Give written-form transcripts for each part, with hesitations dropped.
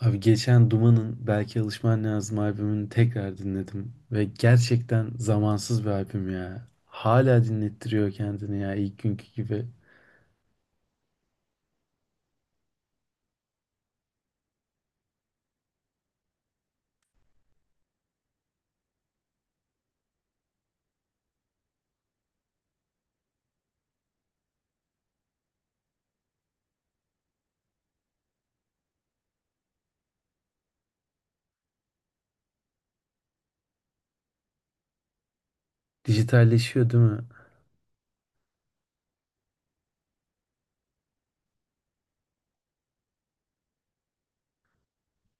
Abi geçen Duman'ın Belki Alışman Lazım albümünü tekrar dinledim. Ve gerçekten zamansız bir albüm ya. Hala dinlettiriyor kendini ya ilk günkü gibi. Dijitalleşiyor değil mi?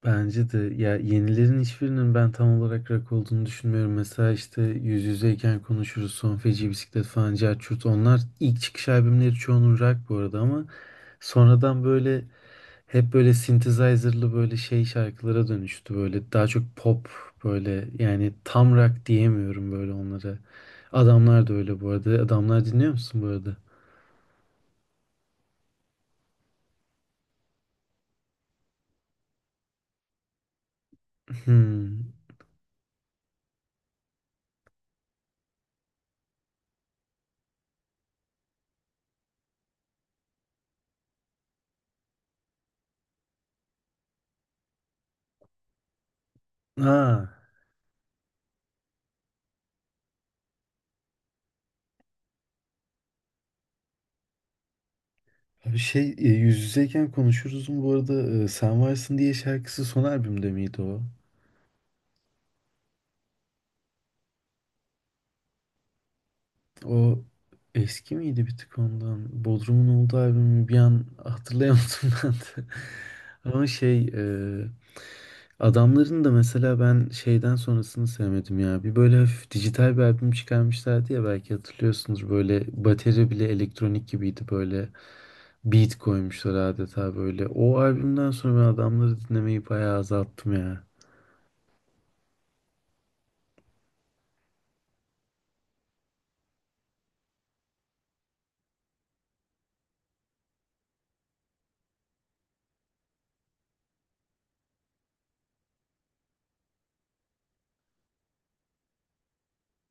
Bence de ya yenilerin hiçbirinin ben tam olarak rock olduğunu düşünmüyorum. Mesela işte Yüz Yüzeyken Konuşuruz, Son Feci Bisiklet falan, Cerçurt onlar ilk çıkış albümleri çoğunun rock bu arada ama sonradan böyle hep böyle synthesizer'lı böyle şey şarkılara dönüştü böyle daha çok pop böyle yani tam rock diyemiyorum böyle onlara. Adamlar da öyle bu arada. Adamlar dinliyor musun bu arada? Hmm. Ha. Abi şey yüz yüzeyken konuşuruz mu bu arada Sen Varsın diye şarkısı son albümde miydi o? O eski miydi bir tık ondan? Bodrum'un olduğu albümü bir an hatırlayamadım ben de. Ama şey e, Adamların da mesela ben şeyden sonrasını sevmedim ya. Bir böyle hafif dijital bir albüm çıkarmışlardı ya belki hatırlıyorsunuz. Böyle bateri bile elektronik gibiydi böyle. Beat koymuşlar adeta böyle. O albümden sonra ben adamları dinlemeyi bayağı azalttım ya.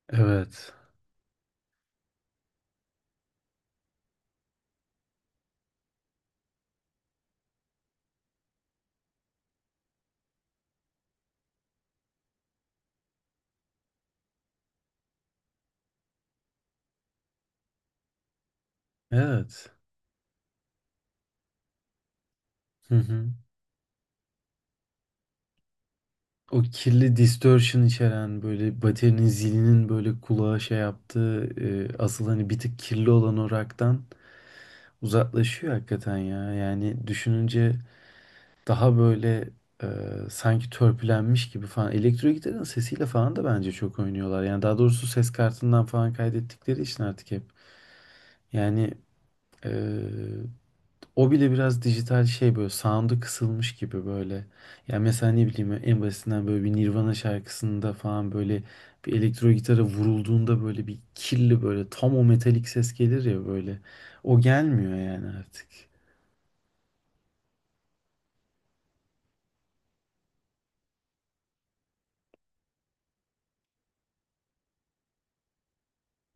Evet. Evet. Hı hı. O kirli distortion içeren böyle baterinin zilinin böyle kulağa şey yaptığı asıl hani bir tık kirli olan o rock'tan uzaklaşıyor hakikaten ya. Yani düşününce daha böyle e, sanki törpülenmiş gibi falan. Elektro gitarın sesiyle falan da bence çok oynuyorlar. Yani daha doğrusu ses kartından falan kaydettikleri için artık hep. Yani e, o bile biraz dijital şey böyle sound'u kısılmış gibi böyle. Yani mesela ne bileyim en basitinden böyle bir Nirvana şarkısında falan böyle bir elektro gitara vurulduğunda böyle bir kirli böyle tam o metalik ses gelir ya böyle. O gelmiyor yani artık.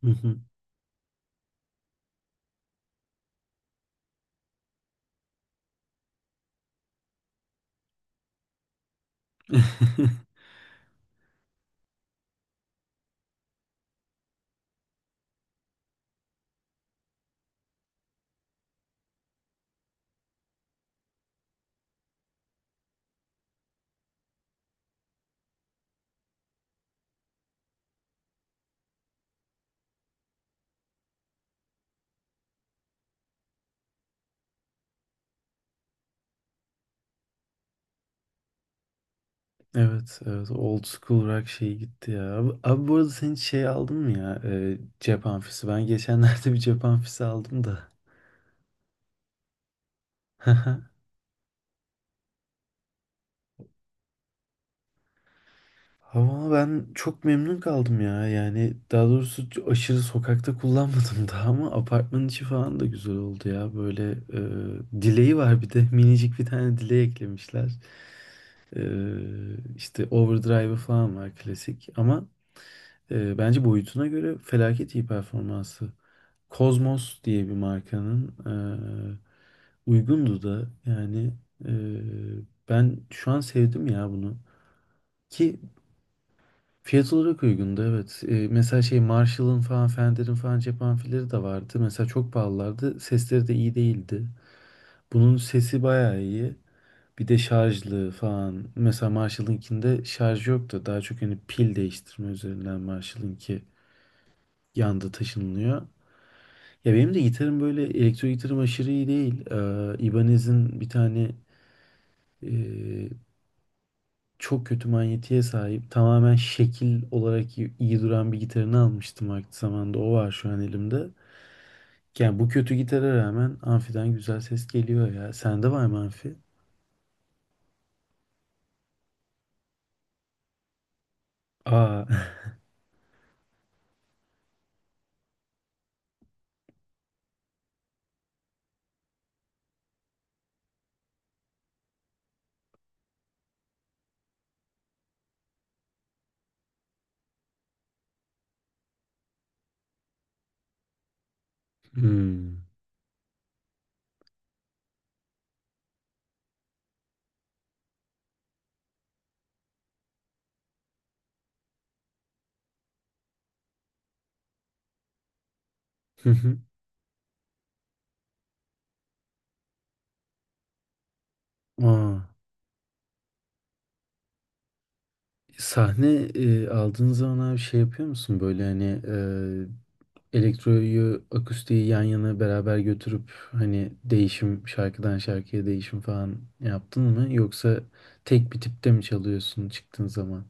Hı hı. Evet, evet. Old school rock şeyi gitti ya. Abi, abi bu arada sen hiç şey aldın mı ya? Cep amfisi. Ben geçenlerde bir cep amfisi aldım da. Ama ben çok memnun kaldım ya. Yani daha doğrusu aşırı sokakta kullanmadım daha ama apartmanın içi falan da güzel oldu ya. Böyle dileği var bir de. Minicik bir tane dileği eklemişler. E, işte overdrive falan var klasik. Ama bence boyutuna göre felaket iyi performansı. Cosmos diye bir markanın uygundu da yani eee, ben şu an sevdim ya bunu. Ki fiyat olarak uygundu evet. Mesela şey Marshall'ın falan Fender'in falan cep amfileri de vardı. Mesela çok pahalılardı. Sesleri de iyi değildi. Bunun sesi bayağı iyi. Bir de şarjlı falan. Mesela Marshall'ınkinde şarj yoktu. Daha çok hani pil değiştirme üzerinden Marshall'ınki yanda taşınılıyor. Ya benim de gitarım böyle elektro gitarım aşırı iyi değil. Ibanez'in bir tane e, çok kötü manyetiğe sahip tamamen şekil olarak iyi, iyi duran bir gitarını almıştım vakti zamanında. O var şu an elimde. Yani bu kötü gitara rağmen amfiden güzel ses geliyor ya. Sende var mı amfi? Aa. Hmm. Hı hı. Aa. Sahne aldığın zaman abi şey yapıyor musun böyle hani elektroyu, akustiği yan yana beraber götürüp hani değişim şarkıdan şarkıya değişim falan yaptın mı? Yoksa tek bir tipte mi çalıyorsun çıktığın zaman?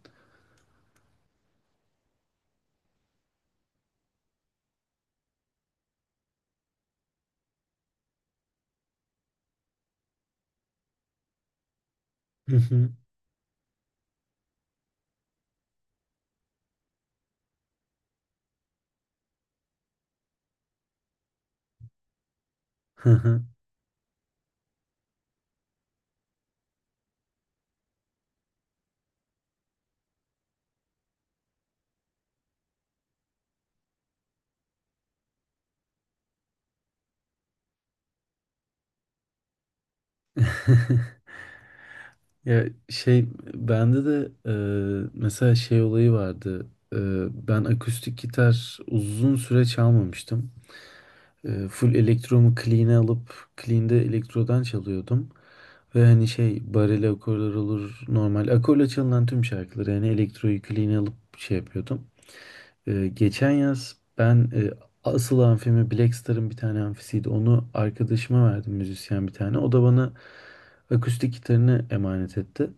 Hı hı. Hı hı. Ya şey bende de mesela şey olayı vardı. E, ben akustik gitar uzun süre çalmamıştım. Full elektromu clean'e alıp clean'de elektrodan çalıyordum. Ve hani şey bareli akorlar olur normal akorla çalınan tüm şarkıları yani elektro yükleyini alıp şey yapıyordum. Geçen yaz ben asıl amfimi Black Star'ın bir tane amfisiydi. Onu arkadaşıma verdim müzisyen bir tane. O da bana akustik gitarını emanet etti.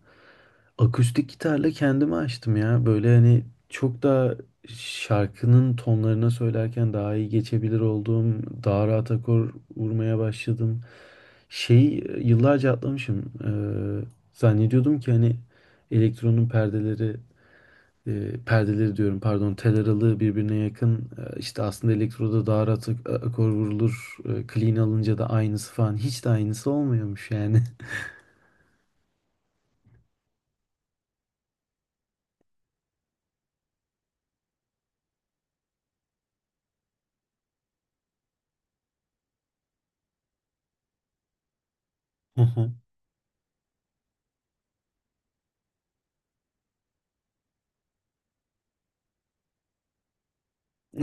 Akustik gitarla kendimi açtım ya. Böyle hani çok daha şarkının tonlarına söylerken daha iyi geçebilir olduğum, daha rahat akor vurmaya başladım. Şey yıllarca atlamışım. Zannediyordum ki hani elektronun perdeleri, perdeleri diyorum pardon, tel aralığı birbirine yakın. İşte aslında elektroda daha rahat akor vurulur. Clean alınca da aynısı falan. Hiç de aynısı olmuyormuş yani.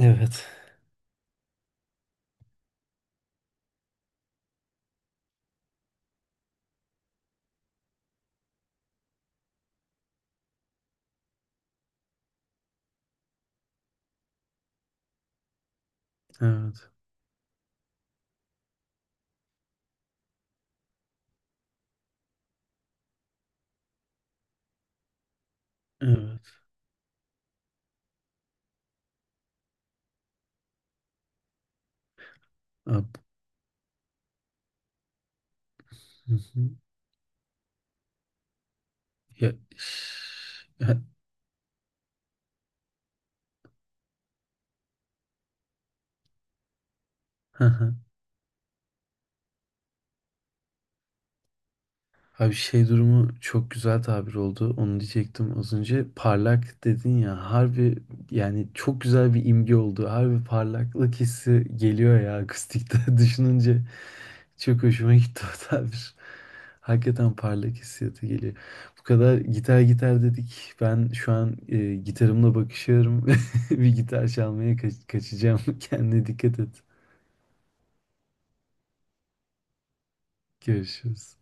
Evet. Evet. Evet. Hı hı. Ya, ya- hı hı. Abi şey durumu çok güzel tabir oldu. Onu diyecektim az önce. Parlak dedin ya. Harbi yani çok güzel bir imge oldu. Harbi parlaklık hissi geliyor ya akustikte düşününce. Çok hoşuma gitti o tabir. Hakikaten parlak hissiyatı geliyor. Bu kadar gitar gitar dedik. Ben şu an gitarımla bakışıyorum. Bir gitar çalmaya kaçacağım. Kendine dikkat et. Görüşürüz.